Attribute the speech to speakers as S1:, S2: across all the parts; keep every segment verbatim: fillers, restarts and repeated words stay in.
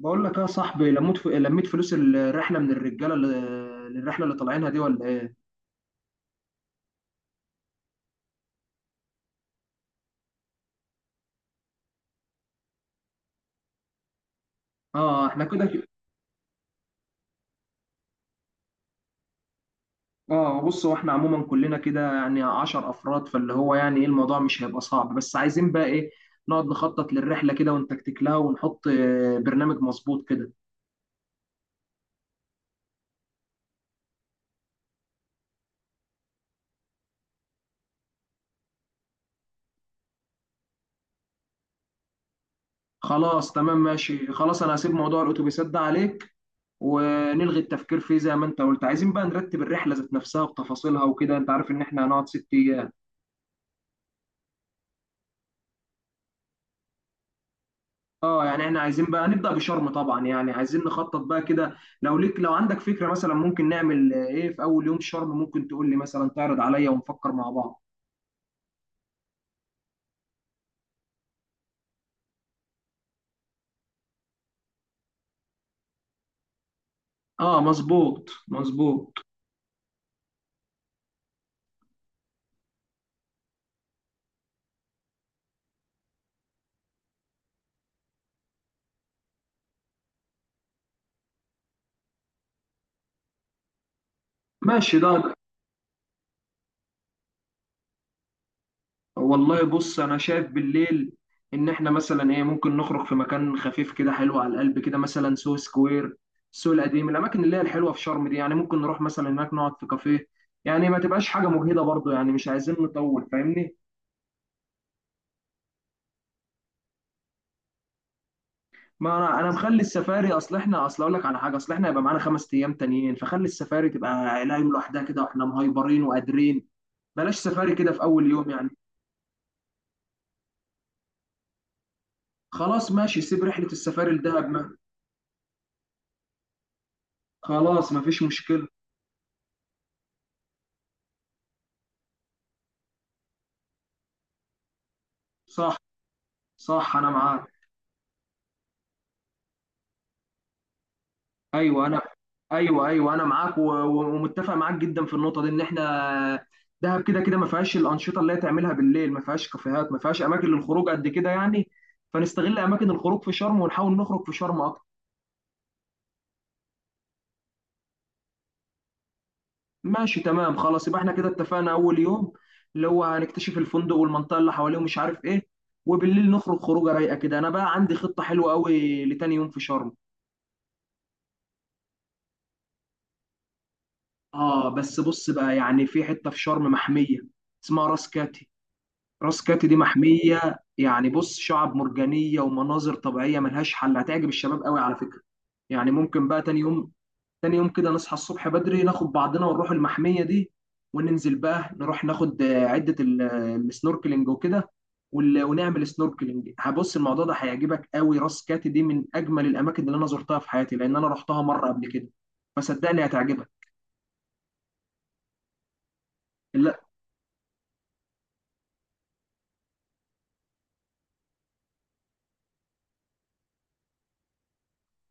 S1: بقول لك يا صاحبي، لميت ف... لميت فلوس الرحله من الرجاله اللي... للرحله اللي طالعينها دي ولا ايه؟ اه احنا كده ك- اه، بص هو احنا عموما كلنا كده يعني عشرة افراد فاللي هو يعني ايه الموضوع مش هيبقى صعب، بس عايزين بقى ايه نقعد نخطط للرحله كده ونتكتك لها ونحط آه، برنامج مظبوط كده. خلاص تمام ماشي، خلاص انا هسيب موضوع الاتوبيسات ده عليك ونلغي التفكير فيه زي ما انت قلت. عايزين بقى نرتب الرحله ذات نفسها بتفاصيلها وكده، انت عارف ان احنا هنقعد ست ايام. اه، يعني احنا عايزين بقى نبدأ بشرم طبعا، يعني عايزين نخطط بقى كده. لو ليك، لو عندك فكرة مثلا ممكن نعمل ايه في اول يوم شرم، ممكن تقول لي مثلا، تعرض عليا ونفكر مع بعض. اه مظبوط مظبوط. ماشي ده. والله بص، انا شايف بالليل ان احنا مثلا ايه ممكن نخرج في مكان خفيف كده، حلو على القلب كده، مثلا سو سكوير، السوق القديم، الاماكن اللي هي الحلوة في شرم دي، يعني ممكن نروح مثلا هناك نقعد في كافيه، يعني ما تبقاش حاجة مجهدة برضو، يعني مش عايزين نطول، فاهمني. ما انا انا مخلي السفاري، اصل احنا اصل اقول لك على حاجه، اصل احنا هيبقى معانا خمس ايام تانيين، فخلي السفاري تبقى عيلة يوم لوحدها كده واحنا مهايبرين وقادرين. بلاش سفاري كده في اول يوم يعني. خلاص ماشي، سيب رحله السفاري لدهب ما. خلاص مفيش مشكله. صح صح، انا معاك. ايوه انا، ايوه ايوه انا معاك و- و- ومتفق معاك جدا في النقطه دي، ان احنا دهب كده كده ما فيهاش الانشطه اللي هي تعملها بالليل، ما فيهاش كافيهات، ما فيهاش اماكن للخروج قد كده يعني. فنستغل اماكن الخروج في شرم ونحاول نخرج في شرم اكتر. ماشي تمام، خلاص يبقى احنا كده اتفقنا اول يوم اللي هو هنكتشف الفندق والمنطقه اللي حواليه ومش عارف ايه، وبالليل نخرج خروجه رايقه كده. انا بقى عندي خطه حلوه قوي لتاني يوم في شرم. اه بس بص بقى، يعني في حته في شرم محميه اسمها راس كاتي. راس كاتي دي محميه، يعني بص، شعب مرجانيه ومناظر طبيعيه ملهاش حل، هتعجب الشباب قوي على فكره. يعني ممكن بقى تاني يوم تاني يوم كده نصحى الصبح بدري ناخد بعضنا ونروح المحمية دي، وننزل بقى نروح ناخد آه، عدة ال- السنوركلينج وكده، وال- ونعمل سنوركلينج. هبص الموضوع ده هيعجبك قوي. راس كاتي دي من اجمل الاماكن اللي انا زرتها في حياتي لان انا رحتها مرة قبل كده، فصدقني هتعجبك.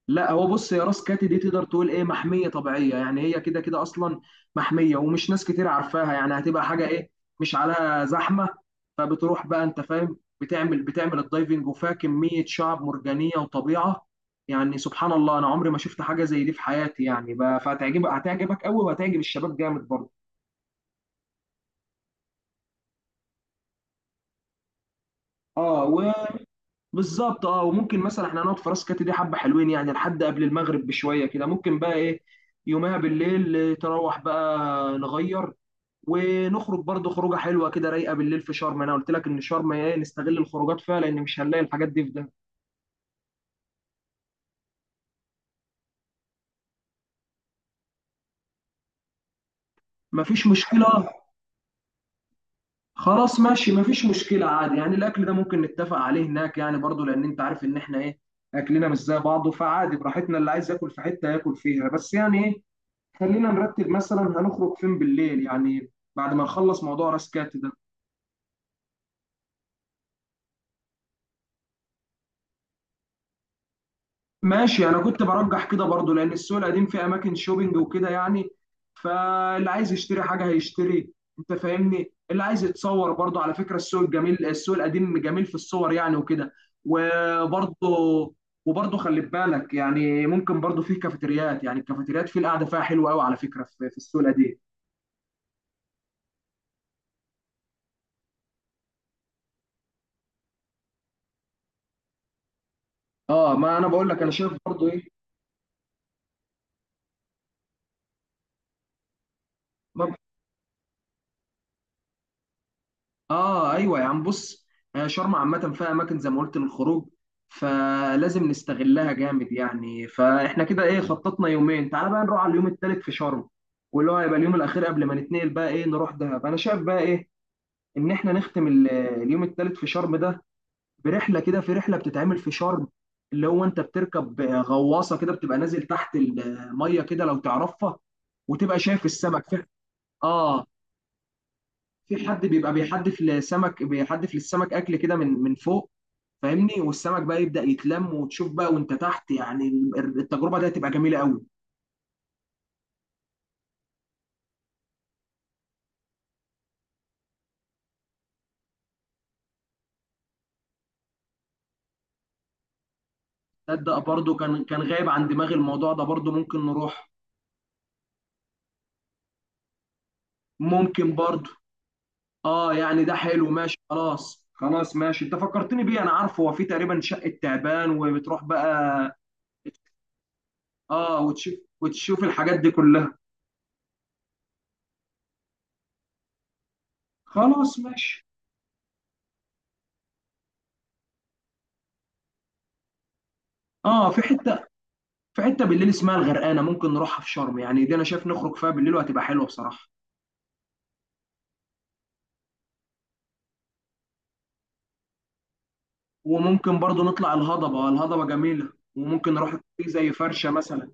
S1: لا، هو بص يا، راس كاتي دي تقدر تقول ايه محميه طبيعيه، يعني هي كده كده اصلا محميه، ومش ناس كتير عارفاها، يعني هتبقى حاجه ايه مش عليها زحمه. فبتروح بقى انت فاهم، بتعمل بتعمل الدايفنج وفيها كميه شعب مرجانيه وطبيعه، يعني سبحان الله انا عمري ما شفت حاجه زي دي في حياتي يعني بقى، فهتعجبك هتعجبك قوي وهتعجب الشباب جامد برضه. اه وبالظبط. اه وممكن مثلا احنا هنقعد في راس كاتي دي حبه حلوين، يعني لحد قبل المغرب بشويه كده، ممكن بقى ايه يومها بالليل تروح بقى نغير ونخرج برضو خروجه حلوه كده رايقه بالليل في شرم. انا قلت لك ان شرم ايه نستغل الخروجات فيها لان مش هنلاقي الحاجات دي في ده. مفيش مشكله. خلاص ماشي، مفيش مشكله عادي يعني، الاكل ده ممكن نتفق عليه هناك يعني، برضو لان انت عارف ان احنا ايه، اكلنا مش زي بعضه، فعادي براحتنا، اللي عايز ياكل في حته ياكل فيها، بس يعني ايه خلينا نرتب مثلا هنخرج فين بالليل يعني بعد ما نخلص موضوع راس كات ده. ماشي، انا كنت برجح كده برضو، لان السوق القديم فيه اماكن شوبينج وكده يعني، فاللي عايز يشتري حاجه هيشتري، انت فاهمني اللي عايز يتصور برضو على فكره، السوق الجميل السوق القديم جميل في الصور يعني وكده. وبرضو وبرضو خلي بالك يعني، ممكن برضو فيه كافيتريات، يعني الكافيتريات فيه القعده فيها حلوه قوي على فكره في في السوق القديم. اه ما انا بقول لك، انا شايف برضو ايه ما. اه، ايوه يا عم بص، آه، شرم عامه فيها اماكن زي ما قلت للخروج، فلازم نستغلها جامد يعني. فاحنا كده ايه خططنا يومين. تعال بقى نروح على اليوم التالت في شرم، واللي هو هيبقى اليوم الاخير قبل ما نتنقل بقى ايه نروح دهب. انا شايف بقى ايه ان احنا نختم ال- اليوم التالت في شرم ده برحله كده، في رحله بتتعمل في شرم اللي هو انت بتركب آه، غواصه كده، بتبقى نازل تحت الميه كده لو تعرفها، وتبقى شايف السمك فيه. اه في حد بيبقى بيحدف لسمك، بيحدف للسمك اكل كده من من فوق، فاهمني، والسمك بقى يبدأ يتلم وتشوف بقى وانت تحت، يعني ال- التجربة دي هتبقى جميلة قوي. تصدق برضو كان كان غايب عن دماغي الموضوع ده، برضو ممكن نروح. ممكن برضو. اه يعني ده حلو، ماشي خلاص، خلاص ماشي انت فكرتني بيه، انا عارفه هو في تقريبا شقة تعبان وبتروح بقى. اه وتشوف، وتشوف الحاجات دي كلها. خلاص ماشي. اه في حتة في حته بالليل اسمها الغرقانه ممكن نروحها في شرم يعني، دي انا شايف نخرج فيها بالليل وهتبقى حلوه بصراحه. وممكن برضو نطلع الهضبه، الهضبه جميله، وممكن نروح في زي فرشه مثلا.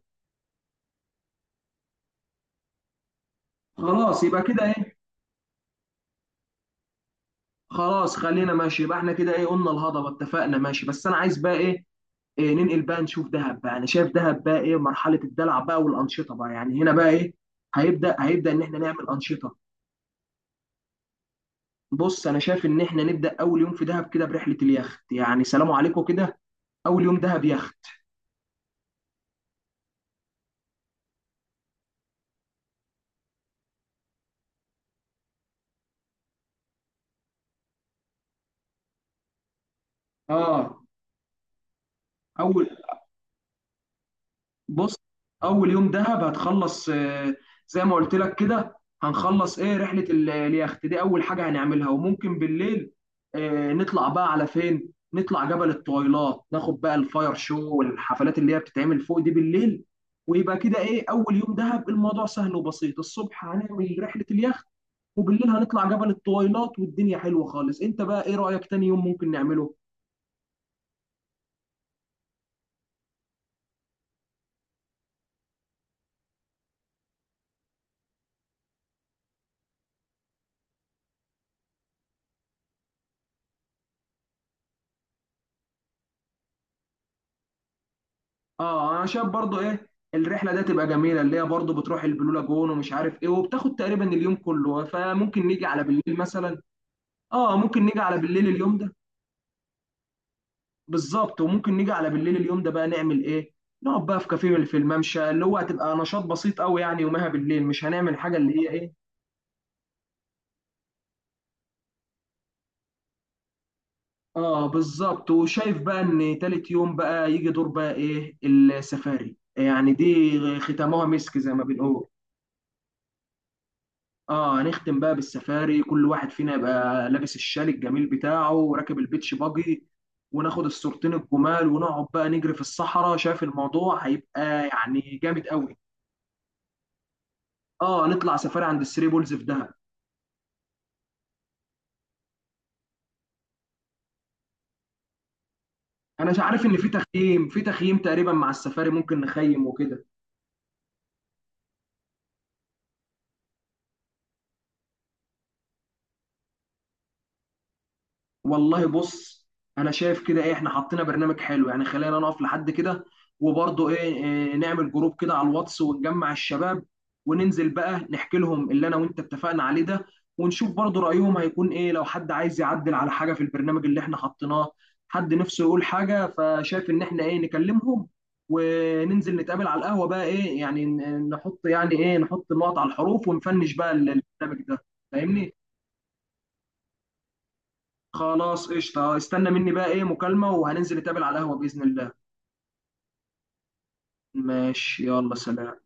S1: خلاص يبقى كده ايه. خلاص خلينا ماشي، يبقى احنا كده ايه قلنا الهضبه، اتفقنا ماشي. بس انا عايز بقى ايه, إيه ننقل بقى نشوف دهب بقى. انا شايف دهب بقى ايه مرحله الدلع بقى والانشطه بقى يعني، هنا بقى ايه هيبدا هيبدا ان احنا نعمل انشطه. بص انا شايف ان احنا نبدا اول يوم في دهب كده برحله اليخت، يعني سلام عليكم كده، اول يوم دهب يخت. اه، اول بص اول يوم دهب هتخلص آه، زي ما قلت لك كده، هنخلص ايه رحله ال- اليخت دي اول حاجه هنعملها، وممكن بالليل آه، نطلع بقى على فين، نطلع جبل الطويلات ناخد بقى الفاير شو والحفلات اللي هي بتتعمل فوق دي بالليل. ويبقى كده ايه اول يوم دهب الموضوع سهل وبسيط. الصبح هنعمل رحله اليخت، وبالليل هنطلع جبل الطويلات والدنيا حلوه خالص. انت بقى ايه رايك تاني يوم ممكن نعمله؟ اه انا شايف برضو ايه الرحله ده تبقى جميله اللي هي برضو بتروح البلو لاجون ومش عارف ايه، وبتاخد تقريبا اليوم كله، فممكن نيجي على بالليل مثلا. اه ممكن نيجي على بالليل اليوم ده. بالظبط، وممكن نيجي على بالليل اليوم ده بقى نعمل ايه نقعد بقى في كافيه في الممشى اللي هو هتبقى نشاط بسيط قوي، يعني يومها بالليل مش هنعمل حاجه اللي هي ايه. اه بالظبط، وشايف بقى ان تالت يوم بقى يجي دور بقى ايه السفاري، يعني دي ختامها مسك زي ما بنقول. اه هنختم بقى بالسفاري، كل واحد فينا يبقى لابس الشال الجميل بتاعه وراكب البيتش باجي، وناخد الصورتين الجمال ونقعد بقى نجري في الصحراء، شايف الموضوع هيبقى يعني جامد قوي. اه نطلع سفاري عند الثري بولز في دهب. انا مش عارف ان في تخييم، في تخييم تقريبا مع السفاري ممكن نخيم وكده. والله بص، انا شايف كده ايه احنا حطينا برنامج حلو يعني، خلينا نقف لحد كده وبرضه ايه, إيه نعمل جروب كده على الواتس ونجمع الشباب، وننزل بقى نحكي لهم اللي انا وانت اتفقنا عليه ده، ونشوف برضه رأيهم هيكون ايه، لو حد عايز يعدل على حاجة في البرنامج اللي احنا حطيناه، حد نفسه يقول حاجة، فشايف ان احنا ايه نكلمهم وننزل نتقابل على القهوة بقى ايه، يعني ن- نحط يعني ايه نحط النقط على الحروف ونفنش بقى ال- البرنامج ده، فاهمني. خلاص قشطة، استنى مني بقى ايه مكالمة وهننزل نتقابل على القهوة بإذن الله. ماشي، يلا سلام.